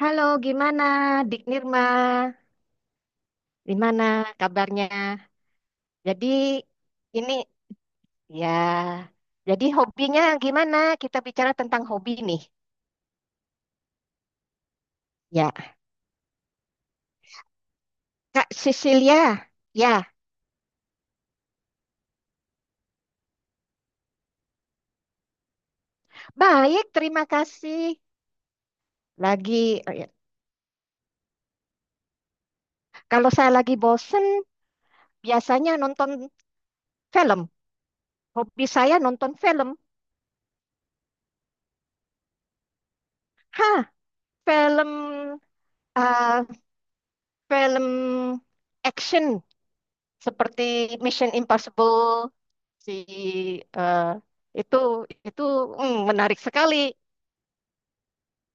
Halo, gimana Dik Nirma? Gimana kabarnya? Jadi ini, ya, jadi hobinya gimana? Kita bicara tentang hobi nih. Ya, Kak Cecilia. Ya, baik, terima kasih. Lagi Ya. Kalau saya lagi bosen, biasanya nonton film. Hobi saya nonton film. Hah, film, eh, film action. Seperti Mission Impossible, si eh, itu itu menarik sekali.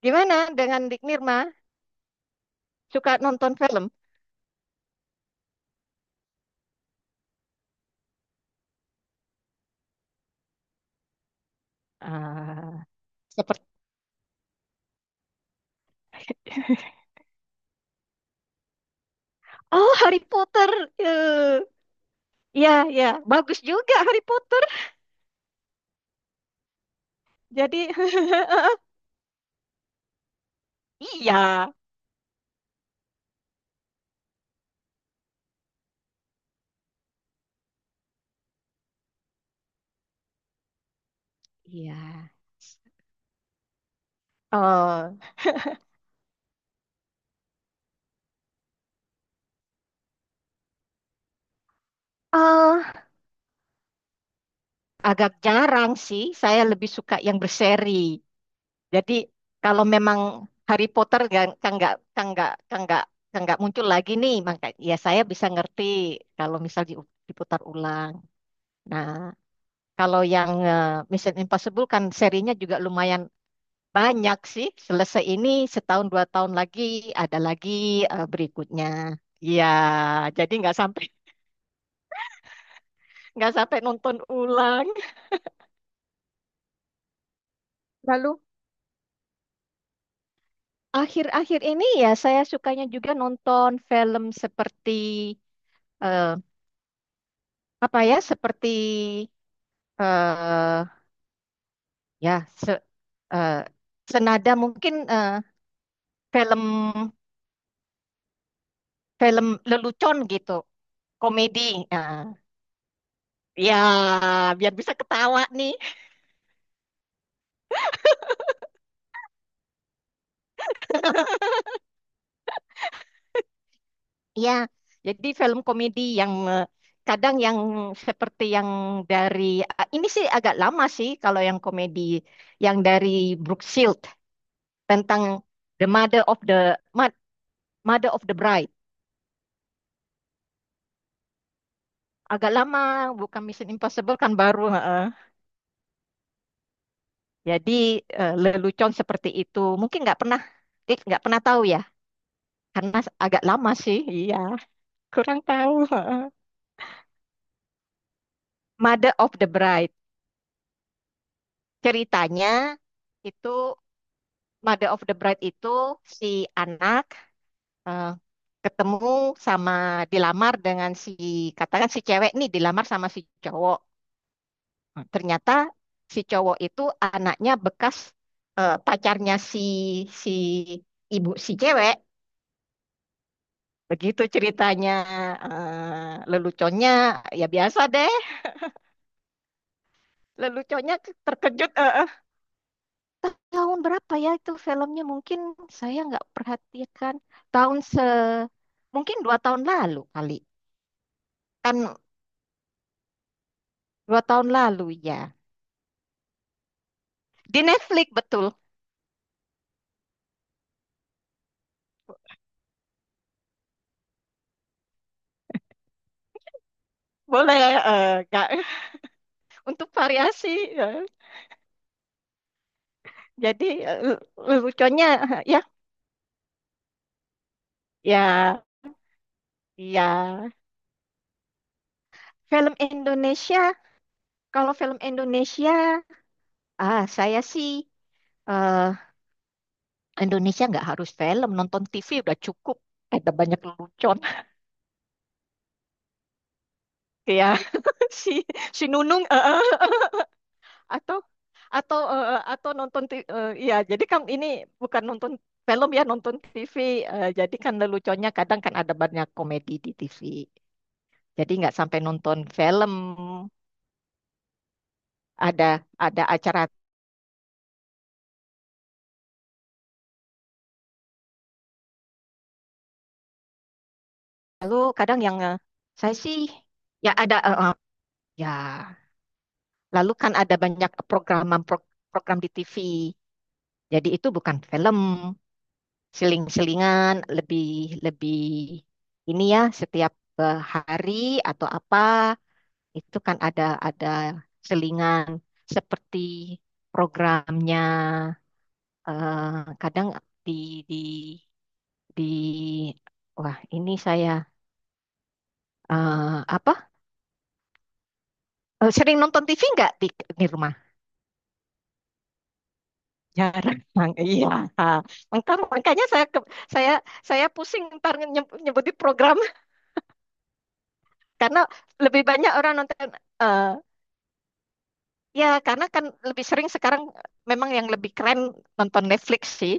Gimana dengan Dik Nirma? Suka nonton film? Ah, seperti Oh, Harry Potter. Eh, Ya, ya, bagus juga Harry Potter. Jadi iya, iya. Eh, eh, Agak jarang sih. Saya lebih suka yang berseri. Jadi kalau memang Harry Potter kan kan nggak muncul lagi nih, maka ya saya bisa ngerti kalau misal diputar ulang. Nah, kalau yang, Mission Impossible kan serinya juga lumayan banyak sih. Selesai ini, setahun 2 tahun lagi ada lagi, berikutnya. Ya, jadi nggak sampai nggak sampai nonton ulang. Lalu akhir-akhir ini ya saya sukanya juga nonton film seperti, apa ya, seperti eh ya se- eh, senada mungkin, film, lelucon gitu, komedi, eh, ya, biar bisa ketawa nih. Ya, jadi film komedi yang, kadang yang seperti yang dari, ah, ini sih agak lama sih kalau yang komedi, yang dari Brooke Shield, tentang The Mother of the, Ma- Mother of the Bride, agak lama, bukan Mission Impossible kan baru. Heeh. Jadi, lelucon seperti itu. Mungkin nggak pernah, nggak pernah tahu ya, karena agak lama sih. Iya, kurang tahu. Mother of the Bride. Ceritanya itu, Mother of the Bride itu si anak, eh, ketemu sama, dilamar dengan si, katakan si cewek nih dilamar sama si cowok. Ternyata si cowok itu anaknya bekas, pacarnya si si ibu si cewek. Begitu ceritanya, leluconnya ya biasa deh. Leluconnya terkejut. Eh. Tahun berapa ya itu filmnya? Mungkin saya nggak perhatikan. Tahun mungkin 2 tahun lalu kali. Kan 2 tahun lalu ya. Di Netflix, betul. Boleh, nggak untuk variasi. eh. Jadi, eh, leluconnya ya, ya, ya, film Indonesia. Kalau film Indonesia, ah, saya sih, eh, Indonesia nggak harus film, nonton TV udah cukup. Ada banyak lelucon kayak si si Nunung, atau, atau nonton, ya jadi kan ini bukan nonton film, ya nonton TV, jadi kan leluconnya kadang kan ada banyak komedi di TV. Jadi nggak sampai nonton film, ada ada acara, lalu kadang yang, saya sih ya ada, ya lalu kan ada banyak program program di TV. Jadi itu bukan film. Seling-selingan, lebih lebih ini ya setiap, hari atau apa, itu kan ada, ada selingan seperti programnya, kadang di di di wah ini saya, eh, apa sering nonton TV nggak di rumah? Jarang, iya. Ah, makanya saya, saya saya pusing ntar, nyebutin program karena lebih banyak orang nonton, eh, ya, karena kan lebih sering sekarang memang yang lebih keren nonton Netflix sih.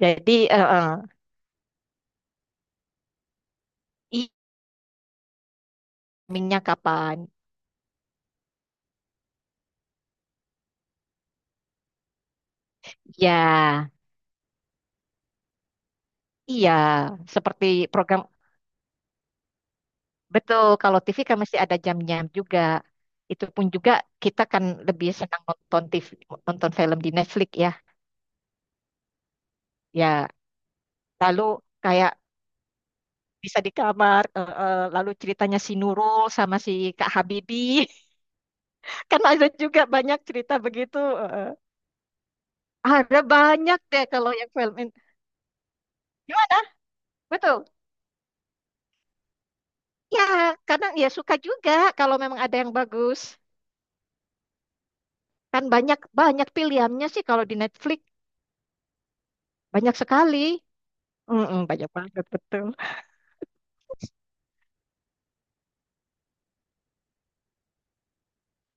Jadi, eh, eh, i streamingnya kapan? Ya, iya. Seperti program, betul. Kalau TV kan masih ada jamnya juga. Itu pun juga, kita kan lebih senang nonton TV, nonton film di Netflix ya. Ya, lalu kayak bisa di kamar, lalu ceritanya si Nurul sama si Kak Habibie. Kan ada juga banyak cerita begitu. Eh. Ada banyak deh kalau yang film. Gimana? Betul. Ya, kadang ya suka juga kalau memang ada yang bagus. Kan banyak, banyak pilihannya sih kalau di Netflix, banyak sekali. Mm-mm, banyak banget, betul.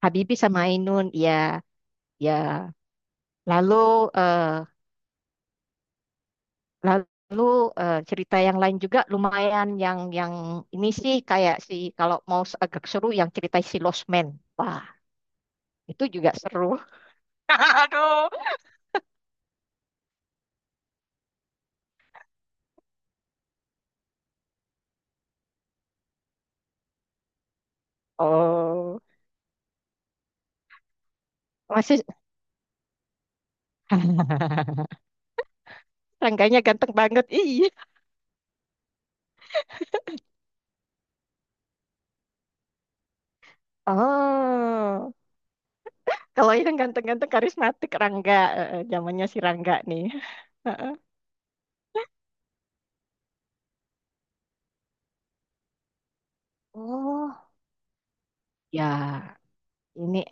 Habibie sama Ainun, ya, ya. Lalu eh lalu, cerita yang lain juga lumayan, yang ini sih kayak si, kalau mau agak seru, yang cerita si Lost Man. Wah, itu juga seru. Aduh. Oh, masih Rangganya ganteng banget. Iya. Oh, kalau yang ganteng-ganteng karismatik Rangga, zamannya si Rangga nih. Heeh. Oh, ya, ini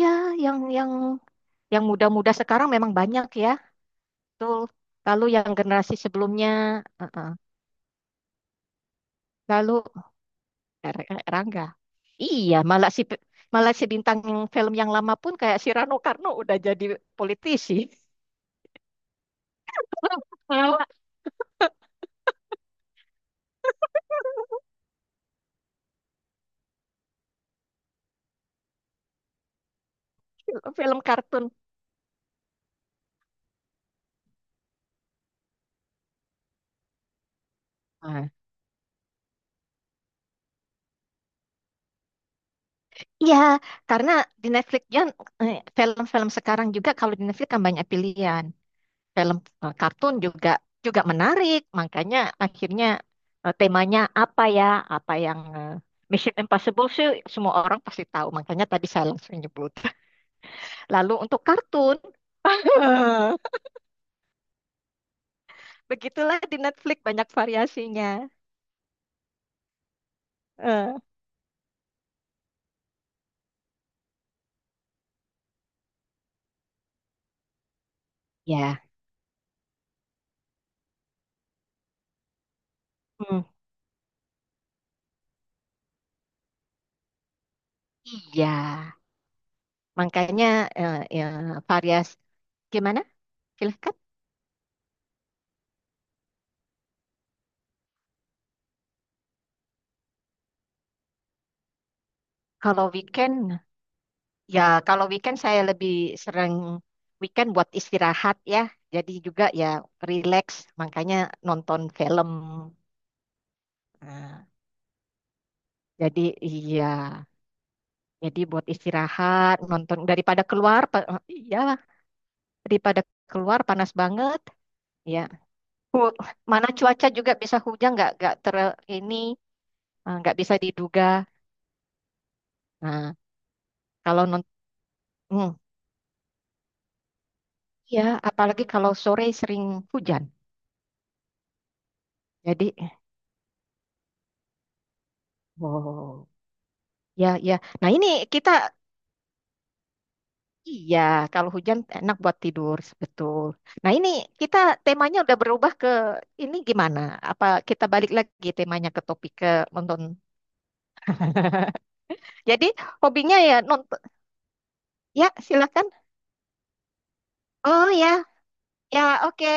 ya yang yang yang muda-muda sekarang memang banyak ya, betul. Lalu yang generasi sebelumnya, heeh. Lalu, Rangga. Iya, malah si bintang yang film yang lama pun kayak si Rano Karno udah jadi politisi. Lewat film kartun. Ya, karena di Netflix kan, film-film sekarang juga kalau di Netflix kan banyak pilihan. Film, kartun juga juga menarik, makanya akhirnya, temanya apa ya? Apa yang, Mission Impossible sih, semua orang pasti tahu, makanya tadi saya langsung nyebut. Lalu untuk kartun, begitulah di Netflix banyak variasinya. Eh, Ya, hmm, iya, makanya, ya, varias gimana? Silahkan. Kalau weekend. Ya, kalau weekend saya lebih sering, weekend buat istirahat ya. Jadi juga ya, relax, makanya nonton film. Nah, jadi, iya, jadi buat istirahat, nonton daripada keluar, iya, daripada keluar panas banget. Ya, mana cuaca juga bisa hujan, nggak ter ini eh, nggak bisa diduga. Nah, kalau nonton, ya apalagi kalau sore sering hujan. Jadi, oh. Ya, ya. Nah, ini kita Iya, kalau hujan enak buat tidur, betul. Nah, ini kita temanya udah berubah ke, ini, gimana? Apa kita balik lagi temanya ke topik, ke nonton? Jadi hobinya ya nonton. Ya, silakan. Oh ya, ya, oke.